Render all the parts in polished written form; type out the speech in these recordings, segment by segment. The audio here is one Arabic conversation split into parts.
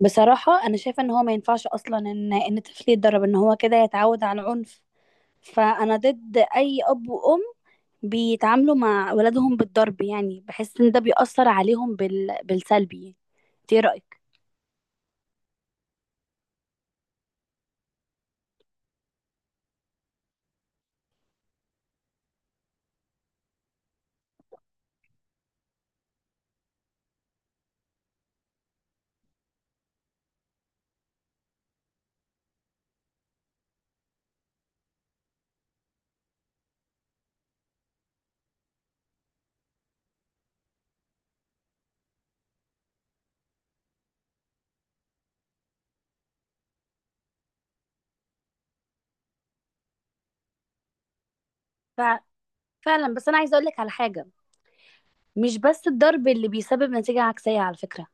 بصراحة أنا شايفة إن هو ما ينفعش أصلا إن طفل يتدرب إن هو كده يتعود على العنف. فأنا ضد أي أب وأم بيتعاملوا مع ولادهم بالضرب، يعني بحس إن ده بيأثر عليهم بالسلبي. إنت إيه رأيك؟ ف... فعلا، بس أنا عايزة أقولك على حاجة. مش بس الضرب اللي بيسبب نتيجة عكسية على فكرة.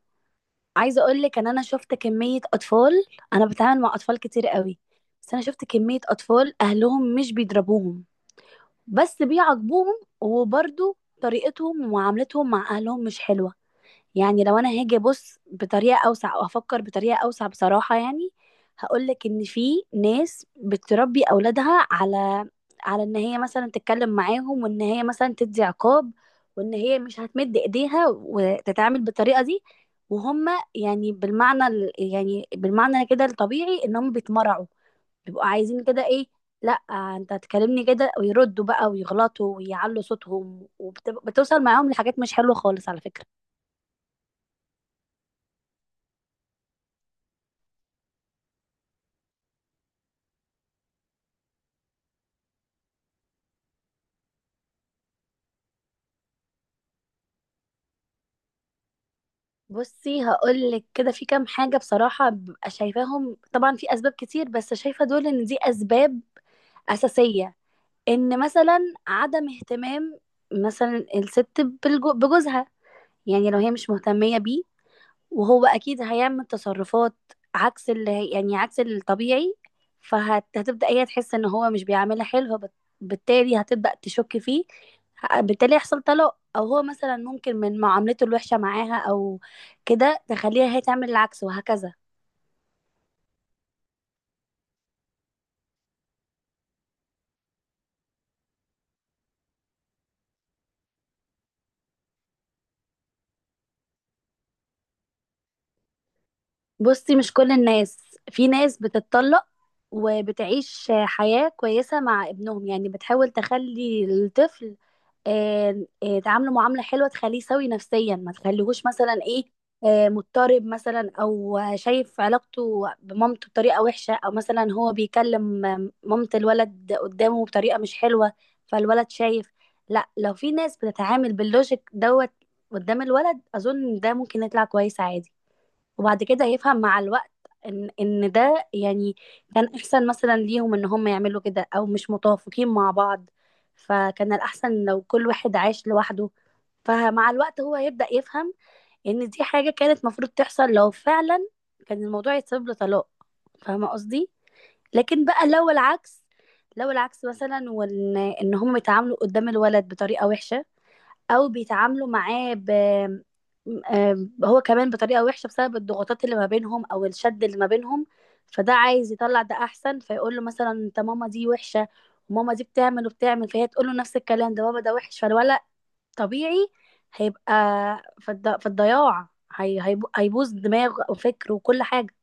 عايزة أقولك إن أنا شفت كمية أطفال. أنا بتعامل مع أطفال كتير قوي. بس أنا شفت كمية أطفال أهلهم مش بيضربوهم، بس بيعاقبوهم، وبرضو طريقتهم ومعاملتهم مع اهلهم مش حلوة. يعني لو انا هاجي ابص بطريقة اوسع او افكر بطريقة اوسع بصراحة، يعني هقولك ان في ناس بتربي اولادها على ان هي مثلا تتكلم معاهم، وان هي مثلا تدي عقاب، وان هي مش هتمد ايديها وتتعامل بالطريقة دي. وهم يعني يعني بالمعنى كده الطبيعي ان هم بيتمرعوا، بيبقوا عايزين كده ايه. لا، انت هتكلمني كده ويردوا بقى ويغلطوا ويعلوا صوتهم، وبتوصل معاهم لحاجات مش حلوة خالص على فكرة. بصي، هقولك كده في كام حاجة بصراحة ببقى شايفاهم. طبعا في أسباب كتير بس شايفة دول إن دي أسباب أساسية. إن مثلا عدم اهتمام مثلا الست بجوزها، يعني لو هي مش مهتمية بيه، وهو اكيد هيعمل تصرفات عكس يعني عكس الطبيعي. فهتبدأ هي تحس ان هو مش بيعملها حلو، بالتالي هتبدأ تشك فيه. بالتالي يحصل طلاق، او هو مثلا ممكن من معاملته الوحشة معاها، او كده تخليها هي تعمل العكس وهكذا. بصي، مش كل الناس، في ناس بتتطلق وبتعيش حياة كويسة مع ابنهم، يعني بتحاول تخلي الطفل تعامله معاملة حلوة، تخليه سوي نفسيا، ما تخليهوش مثلا ايه، مضطرب مثلا، او شايف علاقته بمامته بطريقة وحشة، او مثلا هو بيكلم مامة الولد قدامه بطريقة مش حلوة فالولد شايف. لا، لو في ناس بتتعامل باللوجيك دوت قدام الولد، اظن ده ممكن يطلع كويس عادي، وبعد كده يفهم مع الوقت ان ده يعني كان احسن مثلا ليهم ان هم يعملوا كده، او مش متوافقين مع بعض فكان الاحسن لو كل واحد عاش لوحده. فمع الوقت هو هيبدأ يفهم ان دي حاجة كانت مفروض تحصل، لو فعلا كان الموضوع يتسبب له طلاق. فاهمة قصدي؟ لكن بقى لو العكس، لو العكس مثلا وان هم بيتعاملوا قدام الولد بطريقة وحشة، او بيتعاملوا معاه هو كمان بطريقة وحشة بسبب الضغوطات اللي ما بينهم او الشد اللي ما بينهم. فده عايز يطلع، ده احسن، فيقول له مثلا انت ماما دي وحشة، وماما دي بتعمل وبتعمل، فهي تقول له نفس الكلام ده، بابا ده وحش، فالولد طبيعي هيبقى في الضياع. هيبوظ دماغه وفكره وكل حاجة.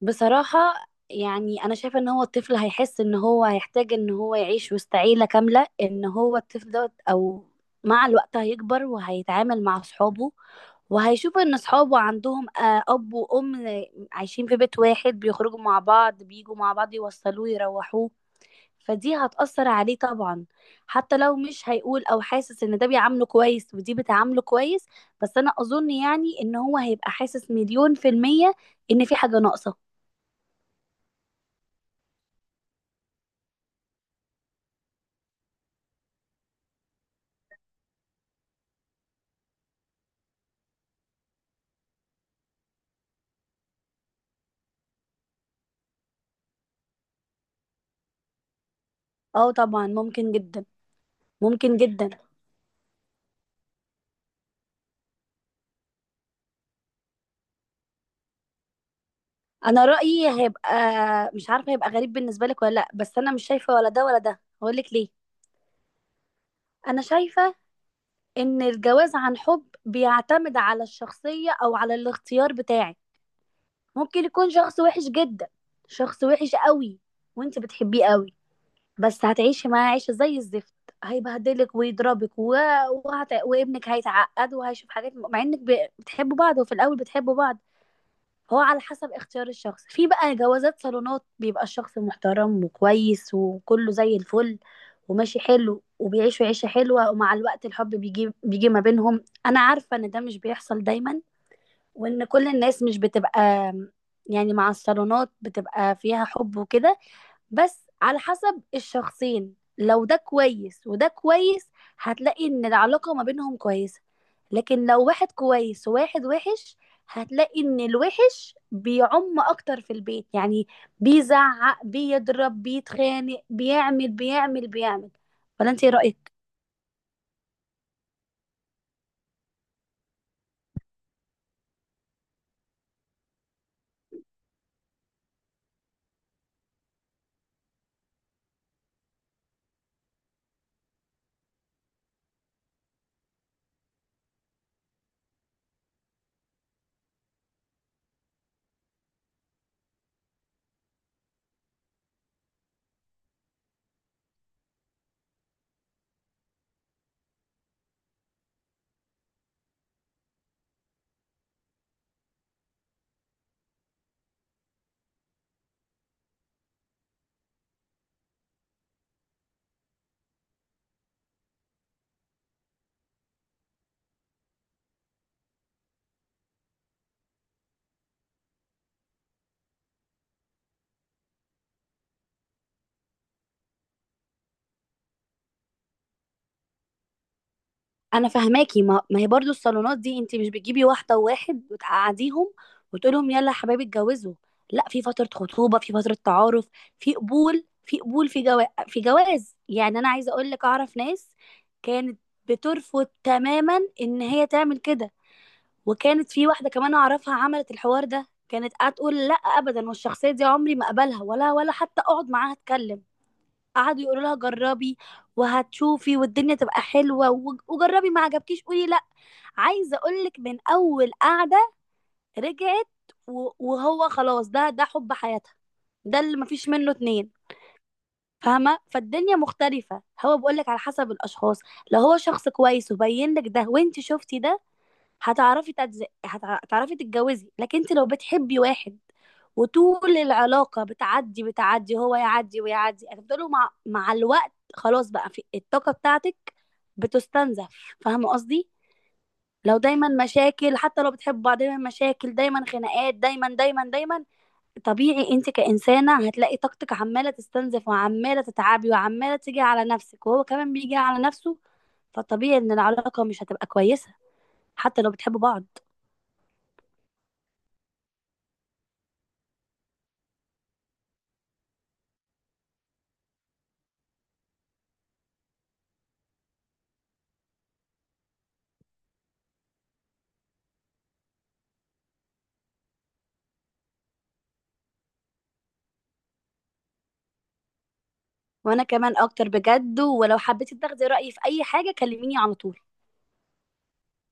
بصراحة يعني أنا شايفة إن هو الطفل هيحس إن هو هيحتاج إن هو يعيش وسط عيلة كاملة. إن هو الطفل دوت، أو مع الوقت هيكبر وهيتعامل مع أصحابه وهيشوف إن أصحابه عندهم أب وأم عايشين في بيت واحد، بيخرجوا مع بعض بيجوا مع بعض، يوصلوه يروحوه. فدي هتأثر عليه طبعا. حتى لو مش هيقول، أو حاسس إن ده بيعامله كويس ودي بتعامله كويس، بس أنا أظن يعني إن هو هيبقى حاسس مليون في المية إن في حاجة ناقصة. اه طبعا، ممكن جدا. ممكن جدا. انا رأيي هيبقى مش عارفة، هيبقى غريب بالنسبة لك ولا لا، بس انا مش شايفة ولا ده ولا ده، هقول لك ليه. انا شايفة ان الجواز عن حب بيعتمد على الشخصية او على الاختيار بتاعك. ممكن يكون شخص وحش جدا، شخص وحش قوي، وانت بتحبيه قوي، بس هتعيشي معاه عيشة زي الزفت. هيبهدلك ويضربك وابنك هيتعقد، وهيشوف حاجات مع انك بتحبوا بعض، وفي الاول بتحبوا بعض. هو على حسب اختيار الشخص. في بقى جوازات صالونات بيبقى الشخص محترم وكويس وكله زي الفل، وماشي حلو، وبيعيشوا عيشة حلوة، ومع الوقت الحب بيجي بيجي ما بينهم. أنا عارفة إن ده مش بيحصل دايما، وإن كل الناس مش بتبقى يعني مع الصالونات بتبقى فيها حب وكده. بس على حسب الشخصين، لو ده كويس وده كويس، هتلاقي ان العلاقة ما بينهم كويسة. لكن لو واحد كويس وواحد وحش، هتلاقي ان الوحش بيعم اكتر في البيت، يعني بيزعق بيضرب بيتخانق بيعمل بيعمل بيعمل. ولا انت ايه رأيك؟ انا فهماكي. ما هي برضو الصالونات دي، انت مش بتجيبي واحده وواحد وتقعديهم وتقولهم يلا يا حبايبي اتجوزوا. لا، في فتره خطوبه، في فتره تعارف، في قبول في قبول، في جواز في جواز. يعني انا عايزه اقول لك، اعرف ناس كانت بترفض تماما ان هي تعمل كده. وكانت في واحده كمان اعرفها عملت الحوار ده، كانت هتقول لا ابدا، والشخصيه دي عمري ما اقبلها ولا حتى اقعد معاها اتكلم. قعدوا يقولوا لها جربي وهتشوفي والدنيا تبقى حلوه، وجربي ما عجبكيش قولي لا. عايزه اقولك من اول قعده رجعت، وهو خلاص، ده حب حياتها، ده اللي مفيش منه اتنين، فاهمه؟ فالدنيا مختلفه، هو بقولك على حسب الاشخاص. لو هو شخص كويس وبين لك ده وانت شفتي ده، هتعرفي تتزقي، هتعرفي تتجوزي. لكن انت لو بتحبي واحد وطول العلاقه بتعدي بتعدي، هو يعدي ويعدي، هتفضلوا مع الوقت خلاص بقى في الطاقه بتاعتك بتستنزف. فاهمه قصدي؟ لو دايما مشاكل، حتى لو بتحبوا بعض دايما مشاكل دايما خناقات دايما دايما دايما، طبيعي انت كإنسانة هتلاقي طاقتك عمالة تستنزف وعمالة تتعبي وعمالة تيجي على نفسك، وهو كمان بيجي على نفسه. فطبيعي ان العلاقة مش هتبقى كويسة، حتى لو بتحبوا بعض. وانا كمان اكتر بجد، ولو حبيتي تاخدي رأيي في اي حاجة كلميني على طول.